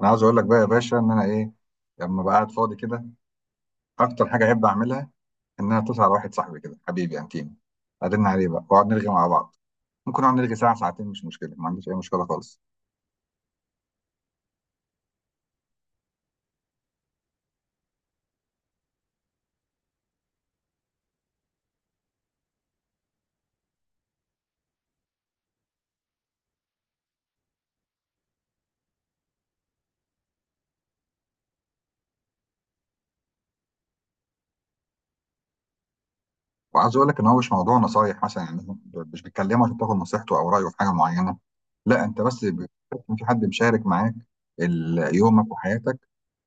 انا عاوز اقول لك بقى يا باشا ان انا ايه. لما بقى قاعد فاضي كده، اكتر حاجه احب اعملها ان انا اتصل على واحد صاحبي كده، حبيبي انتيم، ارن عليه بقى واقعد نرغي مع بعض. ممكن نقعد نرغي ساعه ساعتين، مش مشكله، ما عنديش اي مشكله خالص. وعايز اقول لك ان هو مش موضوع نصايح مثلا يعني. مش بتكلمه عشان تاخد نصيحته او رايه في حاجه معينه. لا، انت بس بتحس ان في حد مشارك معاك يومك وحياتك.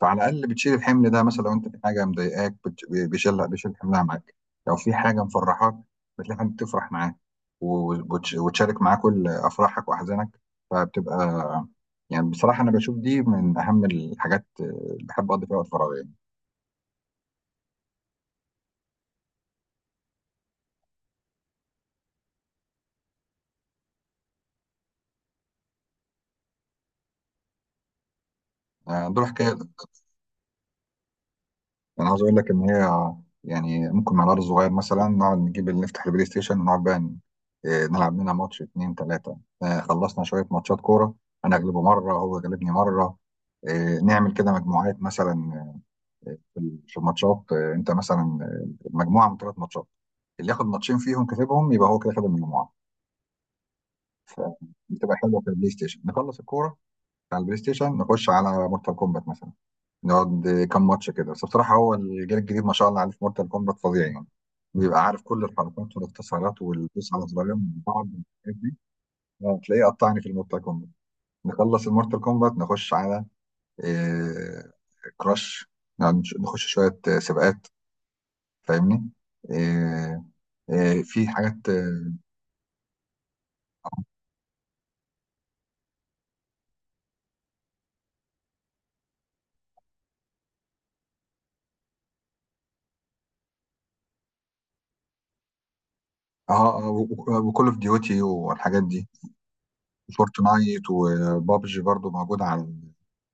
فعلى الاقل بتشيل الحمل ده، مثلا لو انت في حاجه مضايقاك، بيشيلها، بيشيل حملها معاك. لو في حاجه مفرحاك، بتلاقي حد تفرح معاه وتشارك معاه كل افراحك واحزانك. فبتبقى يعني بصراحه انا بشوف دي من اهم الحاجات اللي بحب اقضي فيها وقت فراغي يعني. دول حكايه. انا عاوز اقول لك ان هي يعني ممكن مع العيال الصغير مثلا نقعد نجيب اللي نفتح البلاي ستيشن ونقعد بقى إيه، نلعب لنا ماتش اتنين تلاته. خلصنا شويه ماتشات كوره، انا اغلبه مره هو غلبني مره. إيه، نعمل كده مجموعات مثلا. في الماتشات انت مثلا مجموعه من ثلاث ماتشات، اللي ياخد ماتشين فيهم كسبهم يبقى هو كده خد المجموعه. فبتبقى حلوه. في البلاي ستيشن نخلص الكوره، على البلاي ستيشن نخش على مورتال كومبات مثلا، نقعد كام ماتش كده. بس بصراحة هو الجيل الجديد ما شاء الله عليه في مورتال كومبات فظيع يعني، بيبقى عارف كل الحركات والاختصارات والدوس على زرارين من بعض والحاجات دي. تلاقيه قطعني في المورتال كومبات. نخلص المورتال كومبات نخش على إيه، كراش. نقعد نخش شوية سباقات، فاهمني. إيه إيه، في حاجات. اه، وكول اوف ديوتي والحاجات دي. فورتنايت وبابجي برضو موجودة على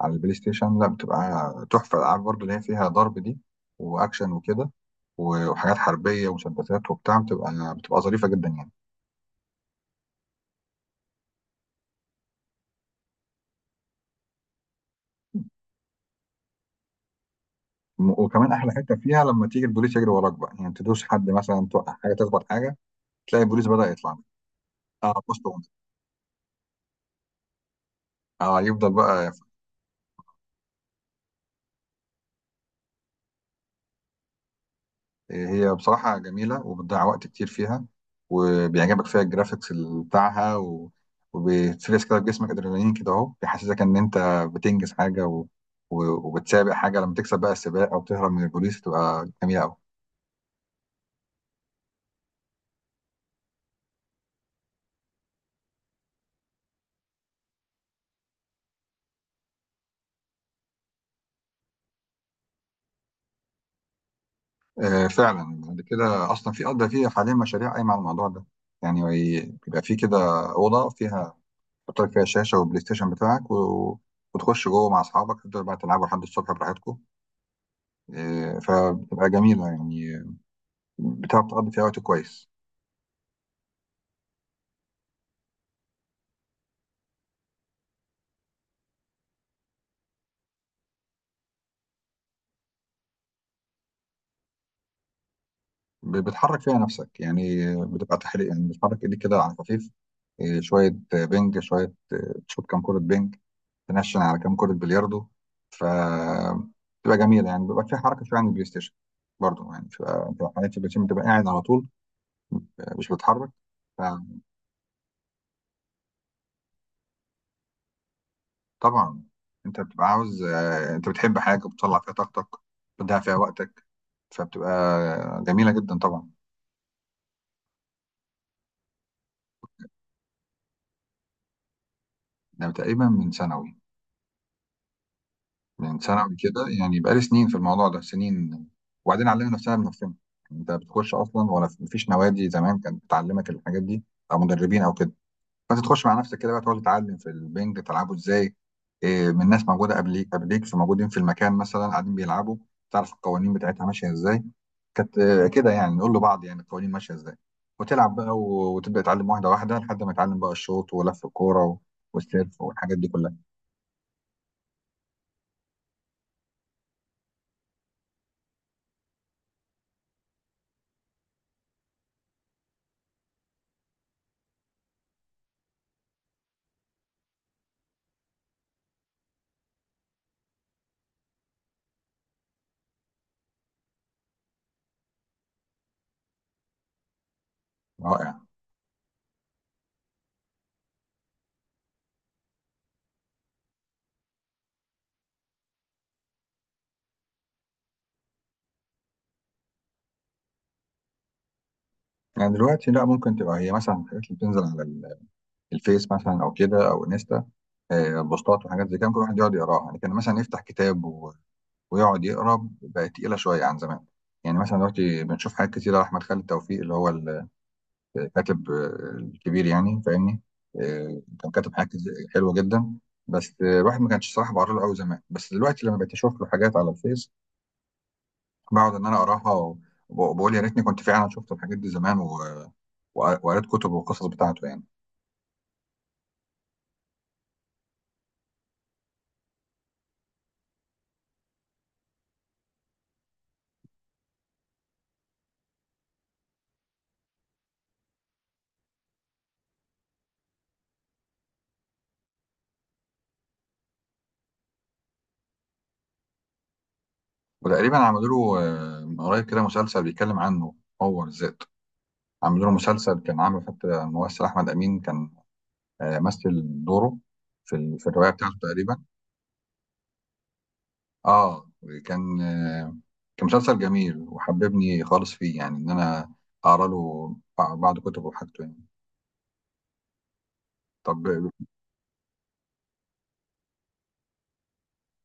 على البلاي ستيشن. لا بتبقى تحفة، الألعاب برضه اللي هي فيها ضرب دي وأكشن وكده وحاجات حربية ومسدسات وبتاع، بتبقى ظريفة جدا يعني. وكمان أحلى حتة فيها لما تيجي البوليس يجري وراك بقى، يعني تدوس حد مثلا، توقع حاجة، تخبط حاجة، تلاقي البوليس بدأ يطلع لك. اه بوست. اه يفضل بقى. هي بصراحة جميلة وبتضيع وقت كتير فيها، وبيعجبك فيها الجرافيكس بتاعها، و... وبتفرز كده في جسمك ادرينالين كده اهو، بيحسسك ان انت بتنجز حاجة، و... و... وبتسابق حاجة، لما تكسب بقى السباق او تهرب من البوليس تبقى جميلة قوي. آه فعلا، بعد كده اصلا في قضى فيها حاليا مشاريع قايمة على الموضوع ده يعني، بيبقى في كده أوضة فيها تحط لك فيها شاشة والبلاي ستيشن بتاعك، و... وتخش جوه مع اصحابك تفضلوا بقى تلعبوا لحد الصبح براحتكم. فبتبقى جميلة يعني، بتعرف تقضي فيها وقت كويس. بتحرك فيها نفسك يعني، بتبقى تحريك يعني بتحرك ايديك كده على خفيف. إيه، شوية بينج، شوية إيه، تشوط كام كرة بينج، تنشن على كام كرة بلياردو. ف بتبقى جميلة يعني، بيبقى فيها حركة شوية عن البلاي ستيشن. برضه يعني بتبقى حاجات في البلاي ستيشن بتبقى قاعد على طول، مش بتتحرك. فطبعا انت بتبقى عاوز انت بتحب حاجة بتطلع فيها طاقتك، بتضيع فيها وقتك، فبتبقى جميلة جدا طبعا. ده تقريبا من سنة، من ثانوي كده يعني، بقالي سنين في الموضوع ده، سنين. وبعدين علمنا نفسنا بنفسنا. انت بتخش اصلا، ولا مفيش نوادي زمان كانت بتعلمك الحاجات دي او مدربين او كده. فانت تخش مع نفسك كده بقى، تقعد تتعلم في البنج تلعبه ازاي. إيه، من ناس موجوده قبليك فموجودين في المكان مثلا قاعدين بيلعبوا، تعرف القوانين بتاعتها ماشيه ازاي. كانت كده يعني، نقول لبعض يعني القوانين ماشيه ازاي، وتلعب بقى وتبدا تتعلم واحده واحده لحد ما تتعلم بقى الشوط ولف الكوره والسيرف والحاجات دي كلها. يعني دلوقتي لا، ممكن تبقى هي مثلا الحاجات اللي بتنزل على الفيس مثلا او كده او انستا، بوستات وحاجات زي كده ممكن الواحد يقعد يقراها. يعني كان مثلا يفتح كتاب ويقعد يقرا، بقت تقيله شويه عن زمان. يعني مثلا دلوقتي بنشوف حاجات كتيره، احمد خالد توفيق اللي هو الكاتب الكبير يعني، فاهمني. كان كاتب حاجات حلوه جدا. بس الواحد ما كانش صراحه بقرا له قوي زمان، بس دلوقتي لما بقيت اشوف له حاجات على الفيس، بقعد ان انا اقراها، وبقول يا ريتني كنت فعلا شفت الحاجات دي زمان، وقريت كتب وقصص بتاعته يعني. وتقريبا عملوا له من قريب كده مسلسل بيتكلم عنه هو بالذات، عملوا له مسلسل كان عامل، حتى الممثل احمد امين كان مثل دوره في الروايه بتاعته تقريبا. اه. كان آه، كان مسلسل جميل، وحببني خالص فيه يعني، ان انا اقرا له بعض كتبه وحاجته يعني. طب.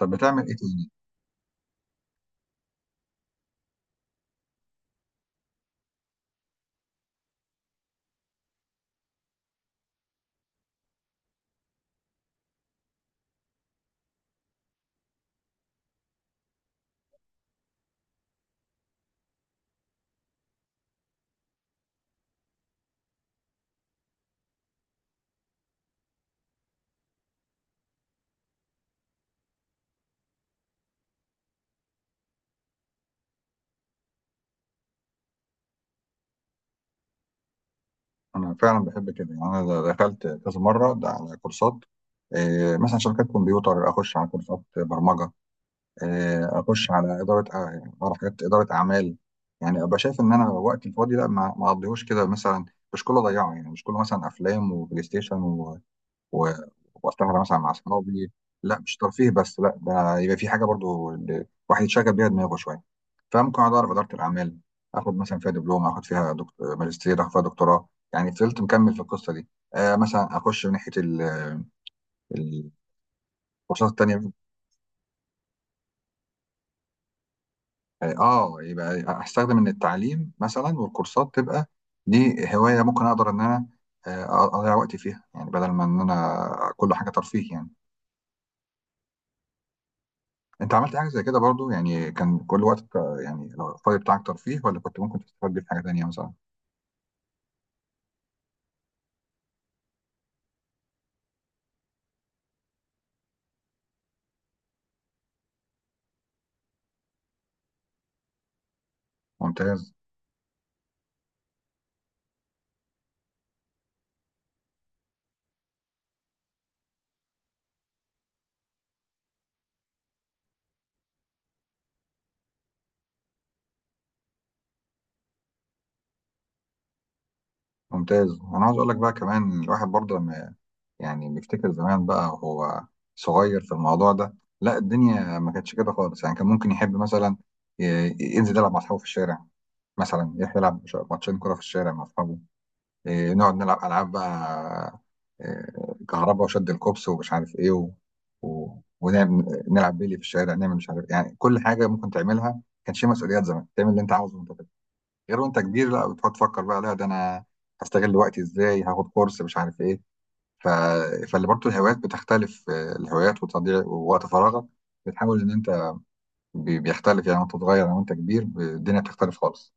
طب بتعمل ايه تاني؟ انا فعلا بحب كده يعني، انا دخلت كذا مره ده على كورسات مثلا شبكات كمبيوتر، اخش على كورسات برمجه اخش على اداره على حاجات اداره اعمال. يعني ابقى شايف ان انا وقتي الفاضي لا، ما اقضيهوش كده مثلا، مش كله ضيعه يعني، مش كله مثلا افلام وبلاي ستيشن، و... و... واستمتع مثلا مع اصحابي. لا، مش ترفيه بس، لا ده يبقى في حاجه برضو الواحد يتشغل بيها دماغه شويه. فممكن اقعد اعرف اداره الاعمال، اخد مثلا فيها دبلوم، اخد فيها ماجستير، اخد فيها دكتوراه، يعني فضلت مكمل في القصه دي. آه مثلا اخش من ناحيه الكورسات التانيه. يعني اه يبقى استخدم ان التعليم مثلا والكورسات تبقى دي هوايه، ممكن اقدر ان انا اضيع وقتي فيها، يعني بدل ما ان انا كل حاجه ترفيه يعني. انت عملت حاجه زي كده برضو يعني، كان كل وقتك يعني لو الفاضي بتاعك ترفيه، ولا كنت ممكن تستفاد بيه في حاجه تانيه مثلا؟ ممتاز. ممتاز، انا عاوز اقول لك بقى كمان الواحد برضه لما يعني بيفتكر زمان بقى وهو صغير في الموضوع ده، لا الدنيا ما كانتش كده خالص يعني. كان ممكن يحب مثلا ينزل يلعب مع اصحابه في الشارع، مثلا يروح يلعب ماتشين كرة في الشارع مع أصحابه. إيه، نقعد نلعب ألعاب بقى، إيه، كهرباء وشد الكوبس ومش عارف إيه، و... و... ونلعب بيلي في الشارع، نعمل مش عارف يعني كل حاجة ممكن تعملها. ما كانش فيه مسؤوليات زمان، تعمل اللي أنت عاوزه وأنت طفل، غير وأنت كبير لا، بتقعد تفكر بقى لا ده أنا هستغل وقتي إزاي، هاخد كورس مش عارف إيه. ف... فاللي برضه الهوايات بتختلف الهوايات وتضييع ووقت فراغك، بتحاول إن أنت بيختلف يعني، وأنت صغير أو وأنت كبير الدنيا بتختلف خالص.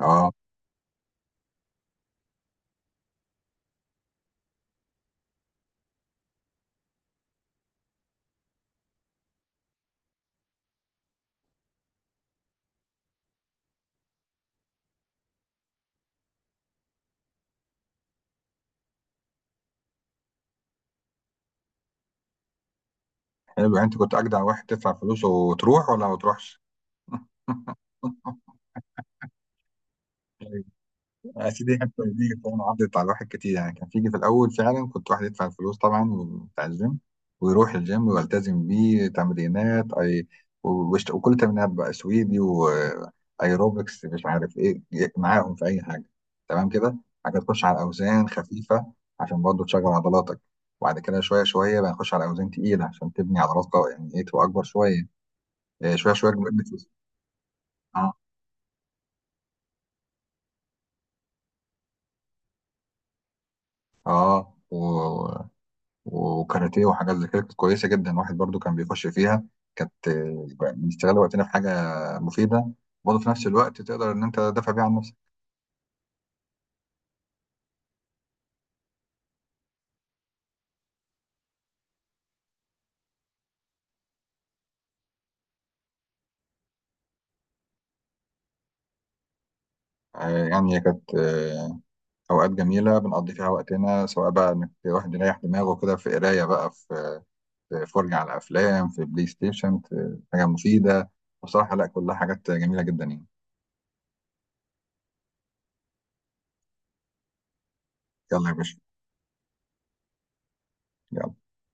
اه حلو، انت كنت اجدع واحد تدفع فلوس وتروح، ولا ما تروحش؟ طيب. يا سيدي حتى دي كمان عدت على الواحد كتير يعني، كان فيجي في الاول فعلا كنت واحد يدفع الفلوس طبعا بتاع الجيم، ويروح الجيم ويلتزم بيه تمرينات اي، وكل تمرينات بقى سويدي، وايروبكس مش عارف ايه إيه، معاهم في اي حاجه. تمام كده، حاجه تخش على اوزان خفيفه عشان برضه تشغل عضلاتك، وبعد كده شويه شويه بقى نخش على اوزان تقيله عشان تبني عضلات قويه، يعني ايه تبقى اكبر شويه، إيه، شويه شويه بنبني. اه، و... وكاراتيه وحاجات زي كده كانت كويسه جدا، الواحد برضو كان بيخش فيها، كانت بنشتغل وقتنا في حاجه مفيده، برضه في نفس الوقت تقدر ان انت تدافع بيها عن نفسك. يعني هي كانت اوقات جميله بنقضي فيها وقتنا، سواء بقى انك الواحد يريح دماغه كده في قرايه بقى، في فرجه على افلام، في بلاي ستيشن، في حاجه مفيده. بصراحه لا كلها حاجات جميله جدا يعني. يلا يا باشا. يلا.